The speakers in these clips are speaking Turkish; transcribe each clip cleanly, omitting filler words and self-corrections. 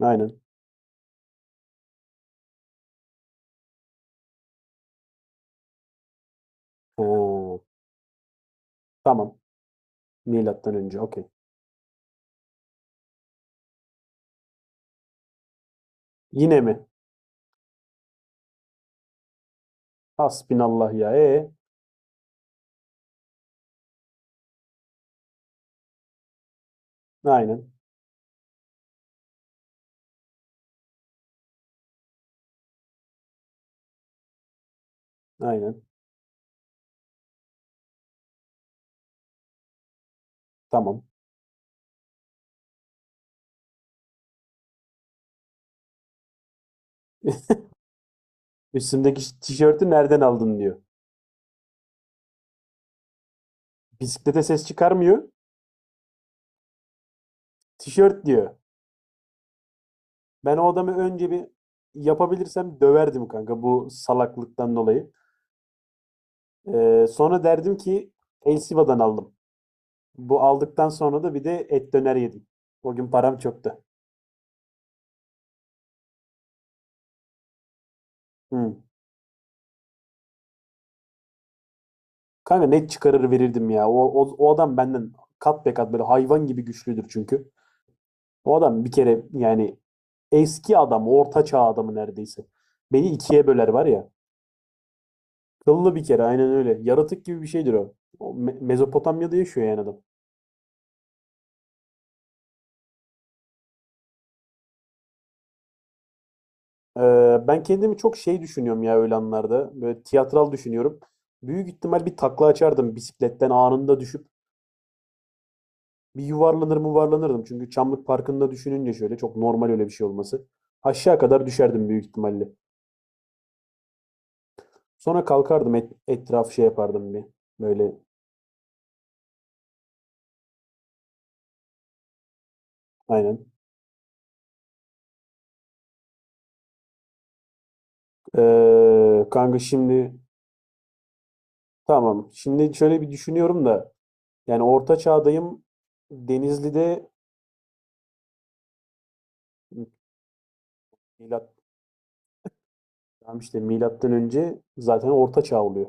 Aynen. Ha, tamam. Milattan önce. Okey. Yine mi? Hasbinallah ya. Aynen. Aynen. Tamam. Üstümdeki tişörtü nereden aldın diyor. Bisiklete ses çıkarmıyor. Tişört diyor. Ben o adamı önce bir yapabilirsem döverdim kanka bu salaklıktan dolayı. Sonra derdim ki El Siva'dan aldım. Bu aldıktan sonra da bir de et döner yedim. O gün param çoktu. Hı. Kanka net çıkarır verirdim ya. O adam benden kat be kat böyle hayvan gibi güçlüdür çünkü. O adam bir kere yani eski adam, orta çağ adamı neredeyse. Beni ikiye böler var ya. Kıllı bir kere aynen öyle. Yaratık gibi bir şeydir o. Mezopotamya'da yaşıyor yani adam. Ben kendimi çok şey düşünüyorum ya öyle anlarda. Böyle tiyatral düşünüyorum. Büyük ihtimal bir takla açardım bisikletten anında düşüp. Bir yuvarlanır mı yuvarlanırdım. Çünkü Çamlık Parkı'nda düşününce şöyle çok normal öyle bir şey olması. Aşağı kadar düşerdim büyük ihtimalle. Sonra kalkardım etrafı şey yapardım bir. Böyle aynen. Kanka şimdi tamam. Şimdi şöyle bir düşünüyorum da yani orta çağdayım. Denizli'de milat Tamam işte milattan önce zaten orta çağ oluyor.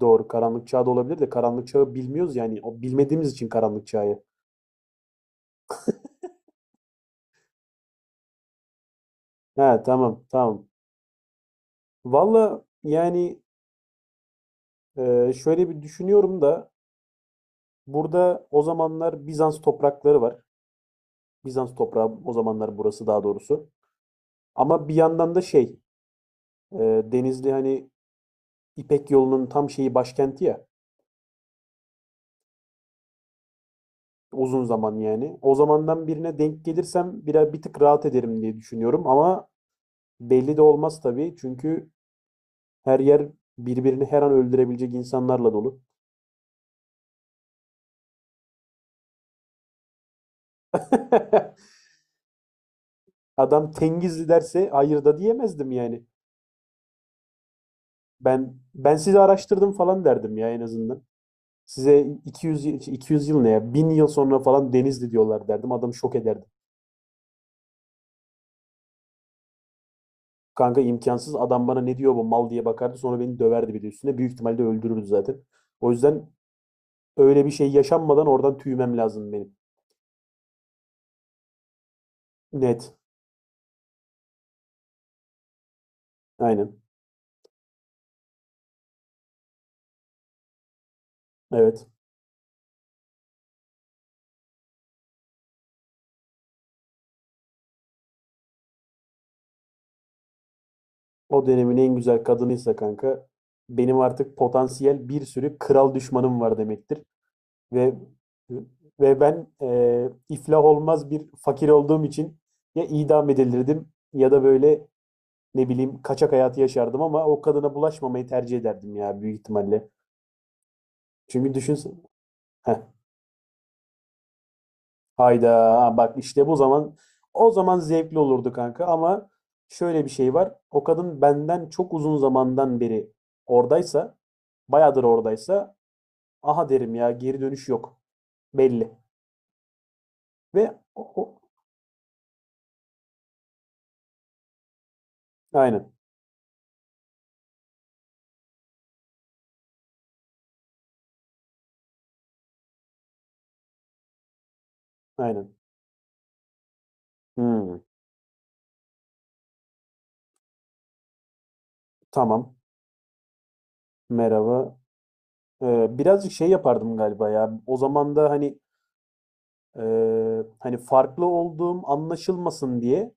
Doğru karanlık çağ da olabilir de karanlık çağı bilmiyoruz yani o bilmediğimiz için karanlık çağı. He tamam tamam. Valla yani şöyle bir düşünüyorum da burada o zamanlar Bizans toprakları var. Bizans toprağı o zamanlar burası daha doğrusu. Ama bir yandan da e, Denizli hani İpek yolunun tam şeyi başkenti ya. Uzun zaman yani. O zamandan birine denk gelirsem biraz bir tık rahat ederim diye düşünüyorum. Ama belli de olmaz tabii. Çünkü her yer birbirini her an öldürebilecek insanlarla dolu. Adam Tengizli derse hayır da diyemezdim yani. Ben sizi araştırdım falan derdim ya en azından. Size 200 yıl ne ya? 1000 yıl sonra falan Denizli diyorlar derdim. Adam şok ederdi. Kanka imkansız adam bana ne diyor bu mal diye bakardı sonra beni döverdi bir de üstüne. Büyük ihtimalle öldürürdü zaten. O yüzden öyle bir şey yaşanmadan oradan tüymem lazım benim. Net. Aynen. Evet. O dönemin en güzel kadınıysa kanka benim artık potansiyel bir sürü kral düşmanım var demektir. Ve ve ben iflah olmaz bir fakir olduğum için ya idam edilirdim ya da böyle ne bileyim kaçak hayatı yaşardım ama o kadına bulaşmamayı tercih ederdim ya büyük ihtimalle. Çünkü düşünsene. Hayda bak işte bu zaman o zaman zevkli olurdu kanka ama şöyle bir şey var. O kadın benden çok uzun zamandan beri oradaysa, bayağıdır oradaysa aha derim ya geri dönüş yok. Belli. Ve o, o- aynen aynen. Hmm, tamam. Merhaba. Birazcık şey yapardım galiba ya. O zaman da hani e, hani farklı olduğum anlaşılmasın diye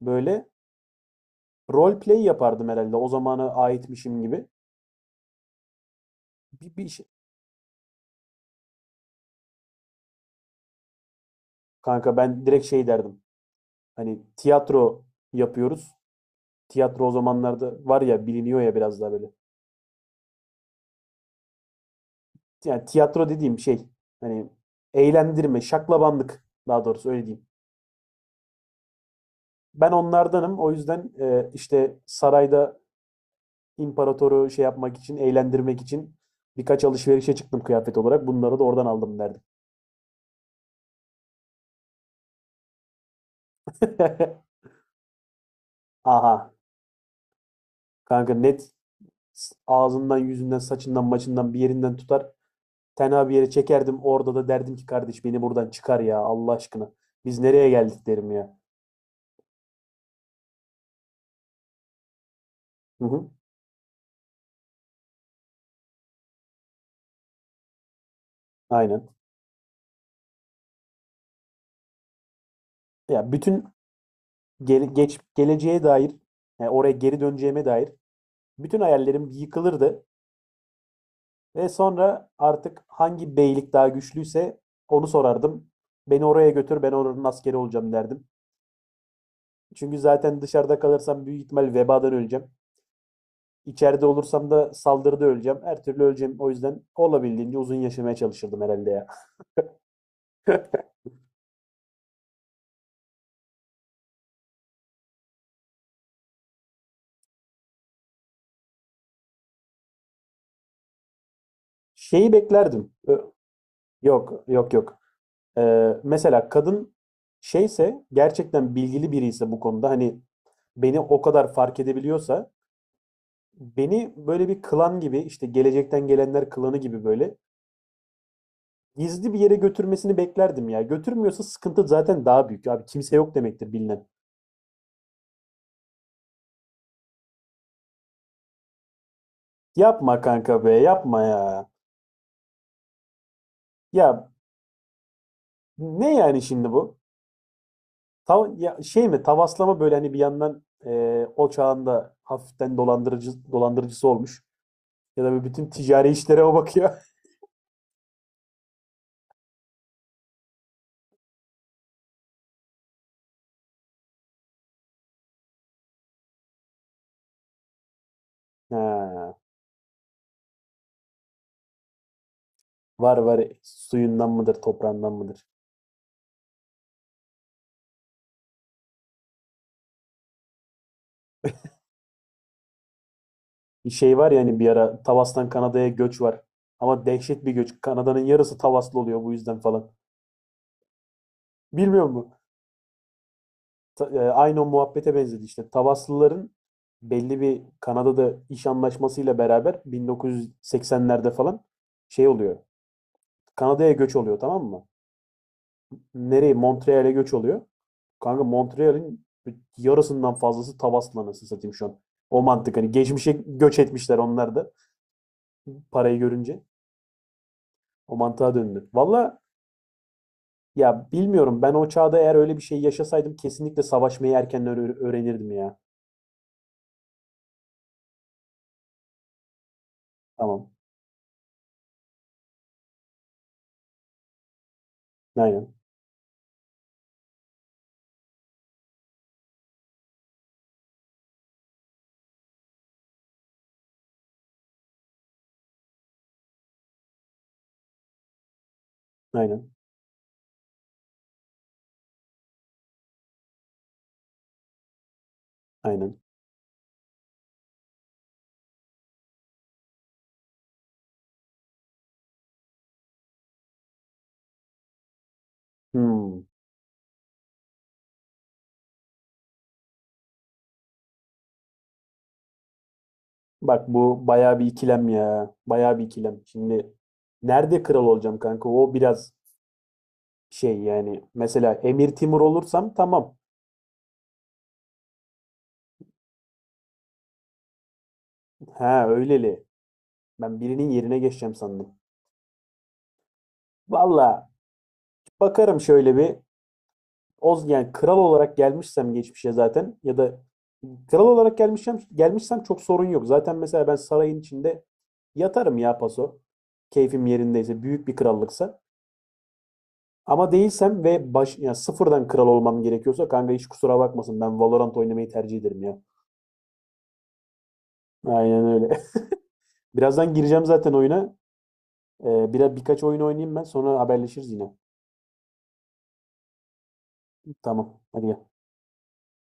böyle role play yapardım herhalde. O zamana aitmişim gibi. Bir, bir, Kanka ben direkt şey derdim. Hani tiyatro yapıyoruz. Tiyatro o zamanlarda var ya biliniyor ya biraz daha böyle. Yani tiyatro dediğim şey hani eğlendirme, şaklabanlık daha doğrusu öyle diyeyim. Ben onlardanım. O yüzden işte sarayda imparatoru şey yapmak için, eğlendirmek için birkaç alışverişe çıktım kıyafet olarak. Bunları da oradan aldım derdim. Aha kanka net ağzından, yüzünden, saçından, maçından bir yerinden tutar. Tenha bir yere çekerdim. Orada da derdim ki kardeş beni buradan çıkar ya Allah aşkına. Biz nereye geldik derim ya. Hı hı. Aynen. Ya bütün geç geleceğe dair, yani oraya geri döneceğime dair bütün hayallerim yıkılırdı ve sonra artık hangi beylik daha güçlüyse onu sorardım. Beni oraya götür, ben oranın askeri olacağım derdim. Çünkü zaten dışarıda kalırsam büyük ihtimal vebadan öleceğim. İçeride olursam da saldırıda öleceğim. Her türlü öleceğim. O yüzden olabildiğince uzun yaşamaya çalışırdım herhalde ya. Şeyi beklerdim. Yok, yok, yok. Mesela kadın şeyse gerçekten bilgili biri ise bu konuda hani beni o kadar fark edebiliyorsa beni böyle bir klan gibi işte gelecekten gelenler klanı gibi böyle gizli bir yere götürmesini beklerdim ya. Götürmüyorsa sıkıntı zaten daha büyük. Abi kimse yok demektir bilinen. Yapma kanka be yapma ya. Ya ne yani şimdi bu? Tav ya şey mi tavaslama böyle hani bir yandan o çağında hafiften dolandırıcısı olmuş. Ya da bütün ticari işlere o bakıyor. Ha, var suyundan mıdır toprağından mıdır? Bir şey var ya hani bir ara Tavas'tan Kanada'ya göç var. Ama dehşet bir göç. Kanada'nın yarısı Tavaslı oluyor bu yüzden falan. Bilmiyor musun? Aynı o muhabbete benzedi işte. Tavaslıların belli bir Kanada'da iş anlaşmasıyla beraber 1980'lerde falan şey oluyor. Kanada'ya göç oluyor tamam mı? Nereye? Montreal'e göç oluyor. Kanka Montreal'in yarısından fazlası Tavas'la nasıl satayım şu an. O mantık hani geçmişe göç etmişler onlar da parayı görünce. O mantığa döndü. Valla ya bilmiyorum ben o çağda eğer öyle bir şey yaşasaydım kesinlikle savaşmayı erken öğrenirdim ya. Tamam. Aynen. Aynen. Aynen. Hmm. Bak bu bayağı bir ikilem ya. Bayağı bir ikilem. Şimdi nerede kral olacağım kanka? O biraz şey yani. Mesela Emir Timur olursam tamam. Ha öyleli. Ben birinin yerine geçeceğim sandım. Valla bakarım şöyle bir. Oz yani kral olarak gelmişsem geçmişe zaten ya da kral olarak gelmişsem çok sorun yok. Zaten mesela ben sarayın içinde yatarım ya paso. Keyfim yerindeyse büyük bir krallıksa. Ama değilsem ve baş ya sıfırdan kral olmam gerekiyorsa kanka hiç kusura bakmasın ben Valorant oynamayı tercih ederim ya. Aynen öyle. Birazdan gireceğim zaten oyuna. Biraz birkaç oyun oynayayım ben sonra haberleşiriz yine. Tamam. Hadi